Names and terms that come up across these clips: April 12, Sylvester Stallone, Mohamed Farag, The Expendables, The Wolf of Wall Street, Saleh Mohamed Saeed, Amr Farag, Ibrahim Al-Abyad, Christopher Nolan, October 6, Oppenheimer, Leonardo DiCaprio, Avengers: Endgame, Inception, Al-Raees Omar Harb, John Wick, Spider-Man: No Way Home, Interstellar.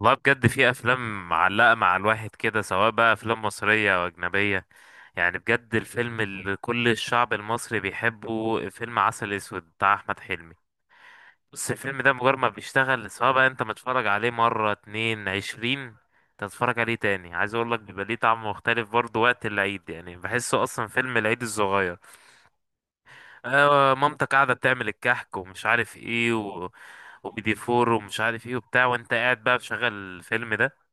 والله بجد في افلام معلقه مع الواحد كده، سواء بقى افلام مصريه او اجنبيه. يعني بجد الفيلم اللي كل الشعب المصري بيحبه فيلم عسل اسود بتاع احمد حلمي. بص، الفيلم ده مجرد ما بيشتغل، سواء بقى انت متفرج عليه مره اتنين 20، تتفرج عليه تاني، عايز اقول لك بيبقى ليه طعم مختلف. برضه وقت العيد، يعني بحسه اصلا فيلم العيد الصغير. آه، مامتك قاعده بتعمل الكحك ومش عارف ايه وبيدي فور ومش عارف ايه وبتاع، وانت قاعد بقى بشغل الفيلم ده.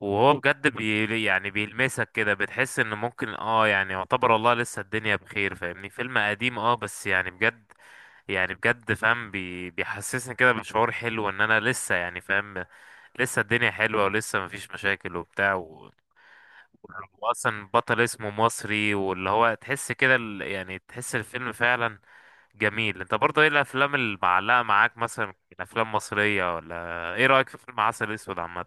وهو بجد يعني بيلمسك كده، بتحس ان ممكن يعني يعتبر، والله لسه الدنيا بخير، فاهمني؟ فيلم قديم بس يعني بجد. يعني بجد فاهم، بيحسسني كده بشعور حلو ان انا لسه يعني فاهم. لسه الدنيا حلوة، ولسه مفيش مشاكل وبتاع اصلا بطل اسمه مصري، واللي هو تحس كده، يعني تحس الفيلم فعلا جميل. انت برضه ايه الافلام اللي معلقة معاك مثلا من افلام مصرية، ولا ايه رأيك في فيلم عسل اسود عامة؟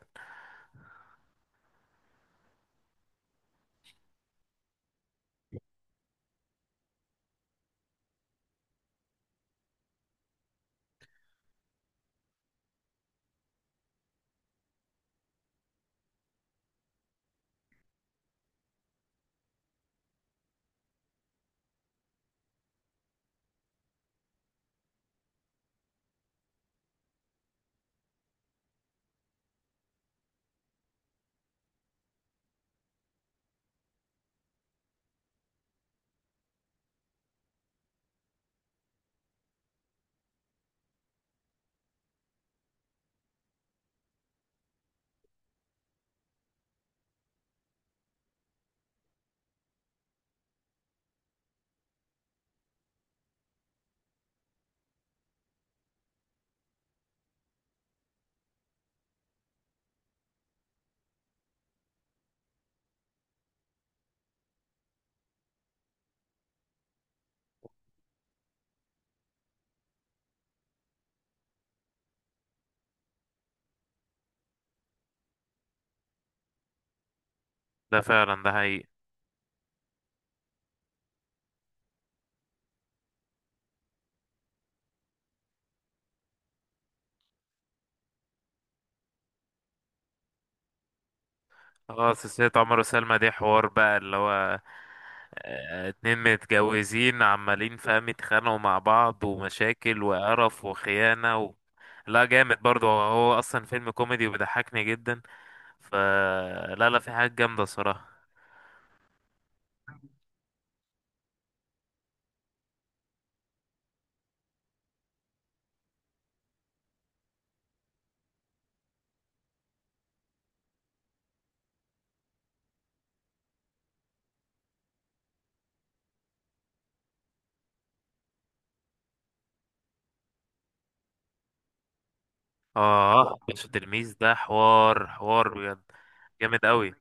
ده فعلا ده حقيقي. اه، سلسلة عمر وسلمى دي حوار بقى اللي هو آه، اتنين متجوزين، عمالين فاهم يتخانقوا مع بعض، ومشاكل وقرف وخيانة لا جامد برضه، هو اصلا فيلم كوميدي وبيضحكني جدا. ف لا لا، في حاجات جامدة الصراحة. اه، باشا تلميذ ده حوار، حوار بجد. جامد قوي.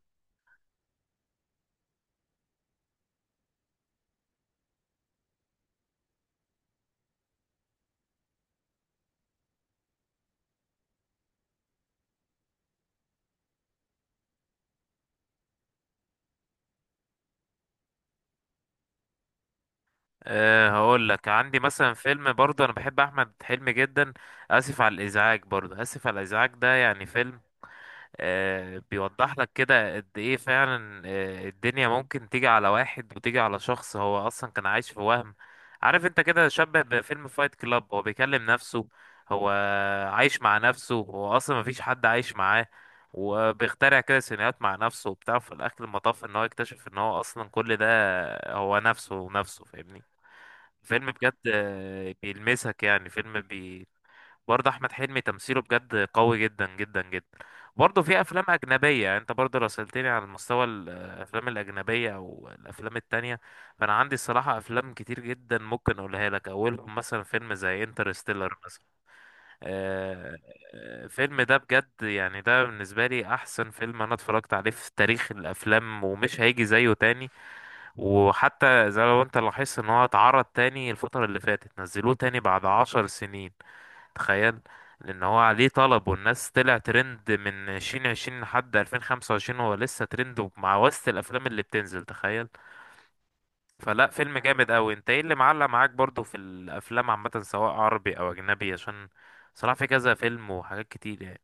هقول لك عندي مثلا فيلم، برضه انا بحب احمد حلمي جدا، اسف على الازعاج، برضه اسف على الازعاج ده، يعني فيلم بيوضح لك كده قد ايه فعلا، الدنيا ممكن تيجي على واحد وتيجي على شخص هو اصلا كان عايش في وهم. عارف انت كده شبه بفيلم فايت كلاب. هو بيكلم نفسه، هو عايش مع نفسه، هو اصلا مفيش حد عايش معاه، وبيخترع كده سيناريوهات مع نفسه وبتاع. في الاخر المطاف ان هو يكتشف ان هو اصلا كل ده هو نفسه ونفسه، فاهمني؟ فيلم بجد بيلمسك، يعني فيلم، برضه احمد حلمي تمثيله بجد قوي جدا جدا جدا. برضه في افلام اجنبيه، يعني انت برضه لو سالتني على مستوى الافلام الاجنبيه او الافلام التانية، فانا عندي الصراحه افلام كتير جدا ممكن اقولها لك، اولهم مثلا فيلم زي انترستيلر مثلا. آه، الفيلم ده بجد، يعني ده بالنسبه لي احسن فيلم انا اتفرجت عليه في تاريخ الافلام، ومش هيجي زيه تاني. وحتى زي ما انت لاحظت ان هو اتعرض تاني الفتره اللي فاتت، نزلوه تاني بعد 10 سنين، تخيل. لان هو عليه طلب، والناس، طلع ترند من 2020 لحد 2025، هو لسه ترند مع وسط الافلام اللي بتنزل، تخيل. فلا، فيلم جامد قوي. انت ايه اللي معلق معاك برضو في الافلام عامه، سواء عربي او اجنبي، عشان صراحه في كذا فيلم وحاجات كتير يعني.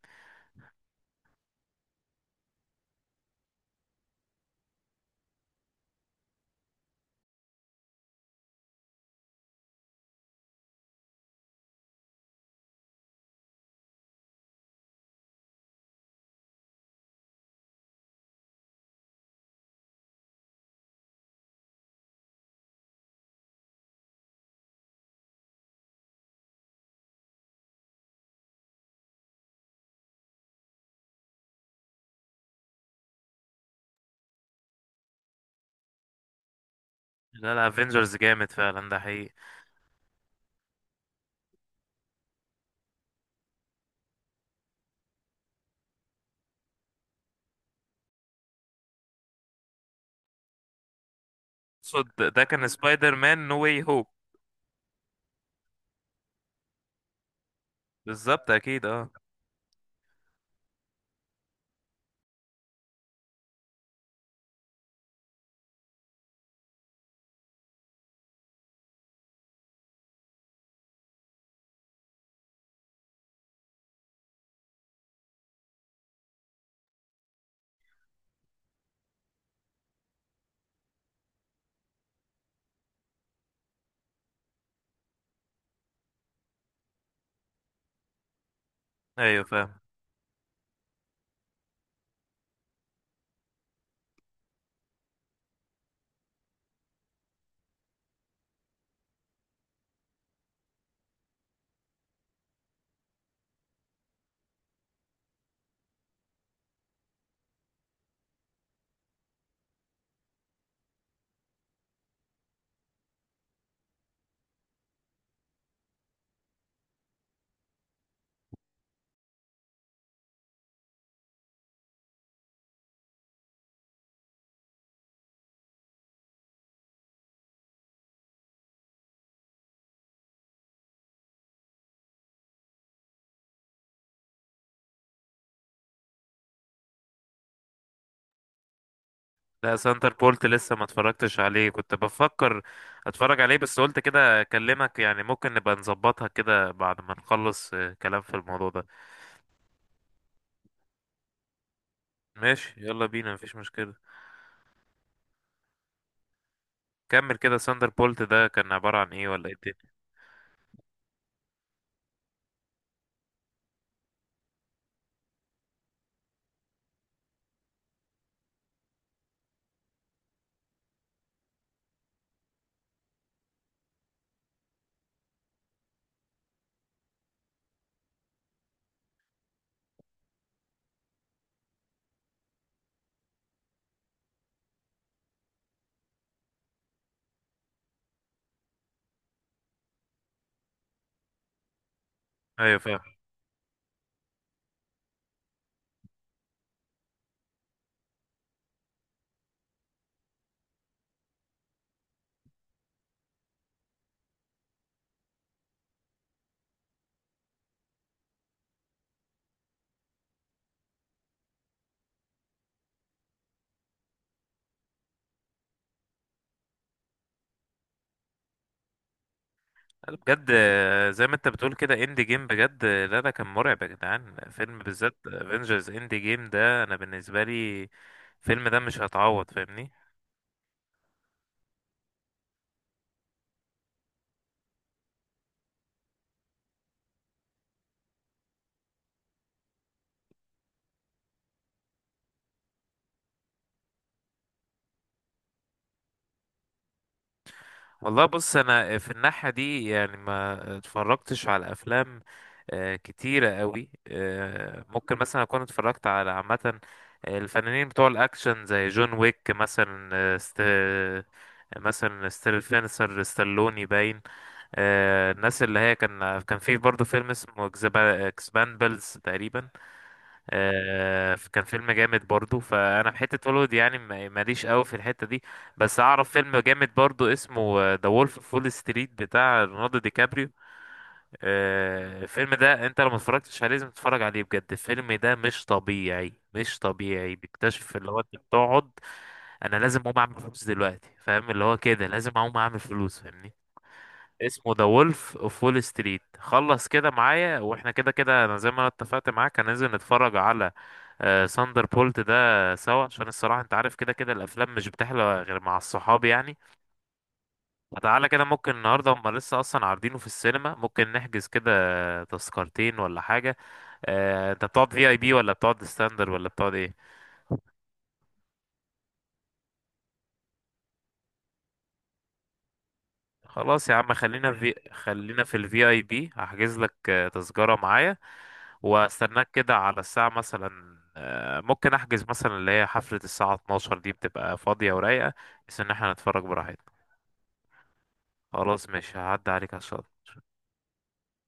لا لا، افنجرز جامد فعلا، ده حقيقي. صد، ده كان سبايدر مان نو واي هوب. بالظبط، اكيد. اه، ايوه فاهم. لا، سنتر بولت لسه ما اتفرجتش عليه، كنت بفكر اتفرج عليه بس قلت كده اكلمك، يعني ممكن نبقى نظبطها كده بعد ما نخلص كلام في الموضوع ده. ماشي، يلا بينا، مفيش مشكلة. كمل كده، ساندر بولت ده كان عبارة عن ايه ولا ايه الدنيا؟ ايوه فاهم. بجد زي ما انت بتقول كده، اند جيم بجد لا ده كان مرعب يا جدعان، فيلم بالذات افنجرز اند جيم ده انا بالنسبة لي الفيلم ده مش هتعوض، فاهمني؟ والله بص، انا في الناحية دي يعني ما اتفرجتش على افلام كتيرة قوي. ممكن مثلا اكون اتفرجت على عامة الفنانين بتوع الاكشن، زي جون ويك مثلا، مثلا ستيلفينسر ستالوني باين. الناس اللي هي كان في برضه فيلم اسمه اكسباندبلز تقريبا، كان فيلم جامد برضو. فانا في حته هوليوود يعني ماليش قوي في الحته دي، بس اعرف فيلم جامد برضو اسمه ذا وولف اوف وول ستريت بتاع ليوناردو دي كابريو. الفيلم ده انت لو ما اتفرجتش عليه لازم تتفرج عليه بجد. الفيلم ده مش طبيعي، مش طبيعي. بيكتشف اللي هو انت بتقعد، انا لازم اقوم اعمل فلوس دلوقتي، فاهم اللي هو كده لازم اقوم اعمل فلوس، فاهمني؟ اسمه ذا وولف اوف وول ستريت. خلص كده معايا، واحنا كده كده انا زي ما انا اتفقت معاك هننزل نتفرج على ساندر بولت ده سوا، عشان الصراحة انت عارف كده كده الافلام مش بتحلى غير مع الصحاب يعني. فتعالى كده، ممكن النهاردة هما لسه اصلا عارضينه في السينما، ممكن نحجز كده تذكرتين ولا حاجة. انت بتقعد في اي بي، ولا بتقعد ستاندر، ولا بتقعد ايه؟ خلاص يا عم، خلينا في الفي اي بي، هحجز لك تذكرة معايا، واستناك كده على الساعة مثلا، ممكن احجز مثلا اللي هي حفلة الساعة 12 دي بتبقى فاضية ورايقة، بس ان احنا نتفرج براحتنا. خلاص ماشي، هعدي عليك عشان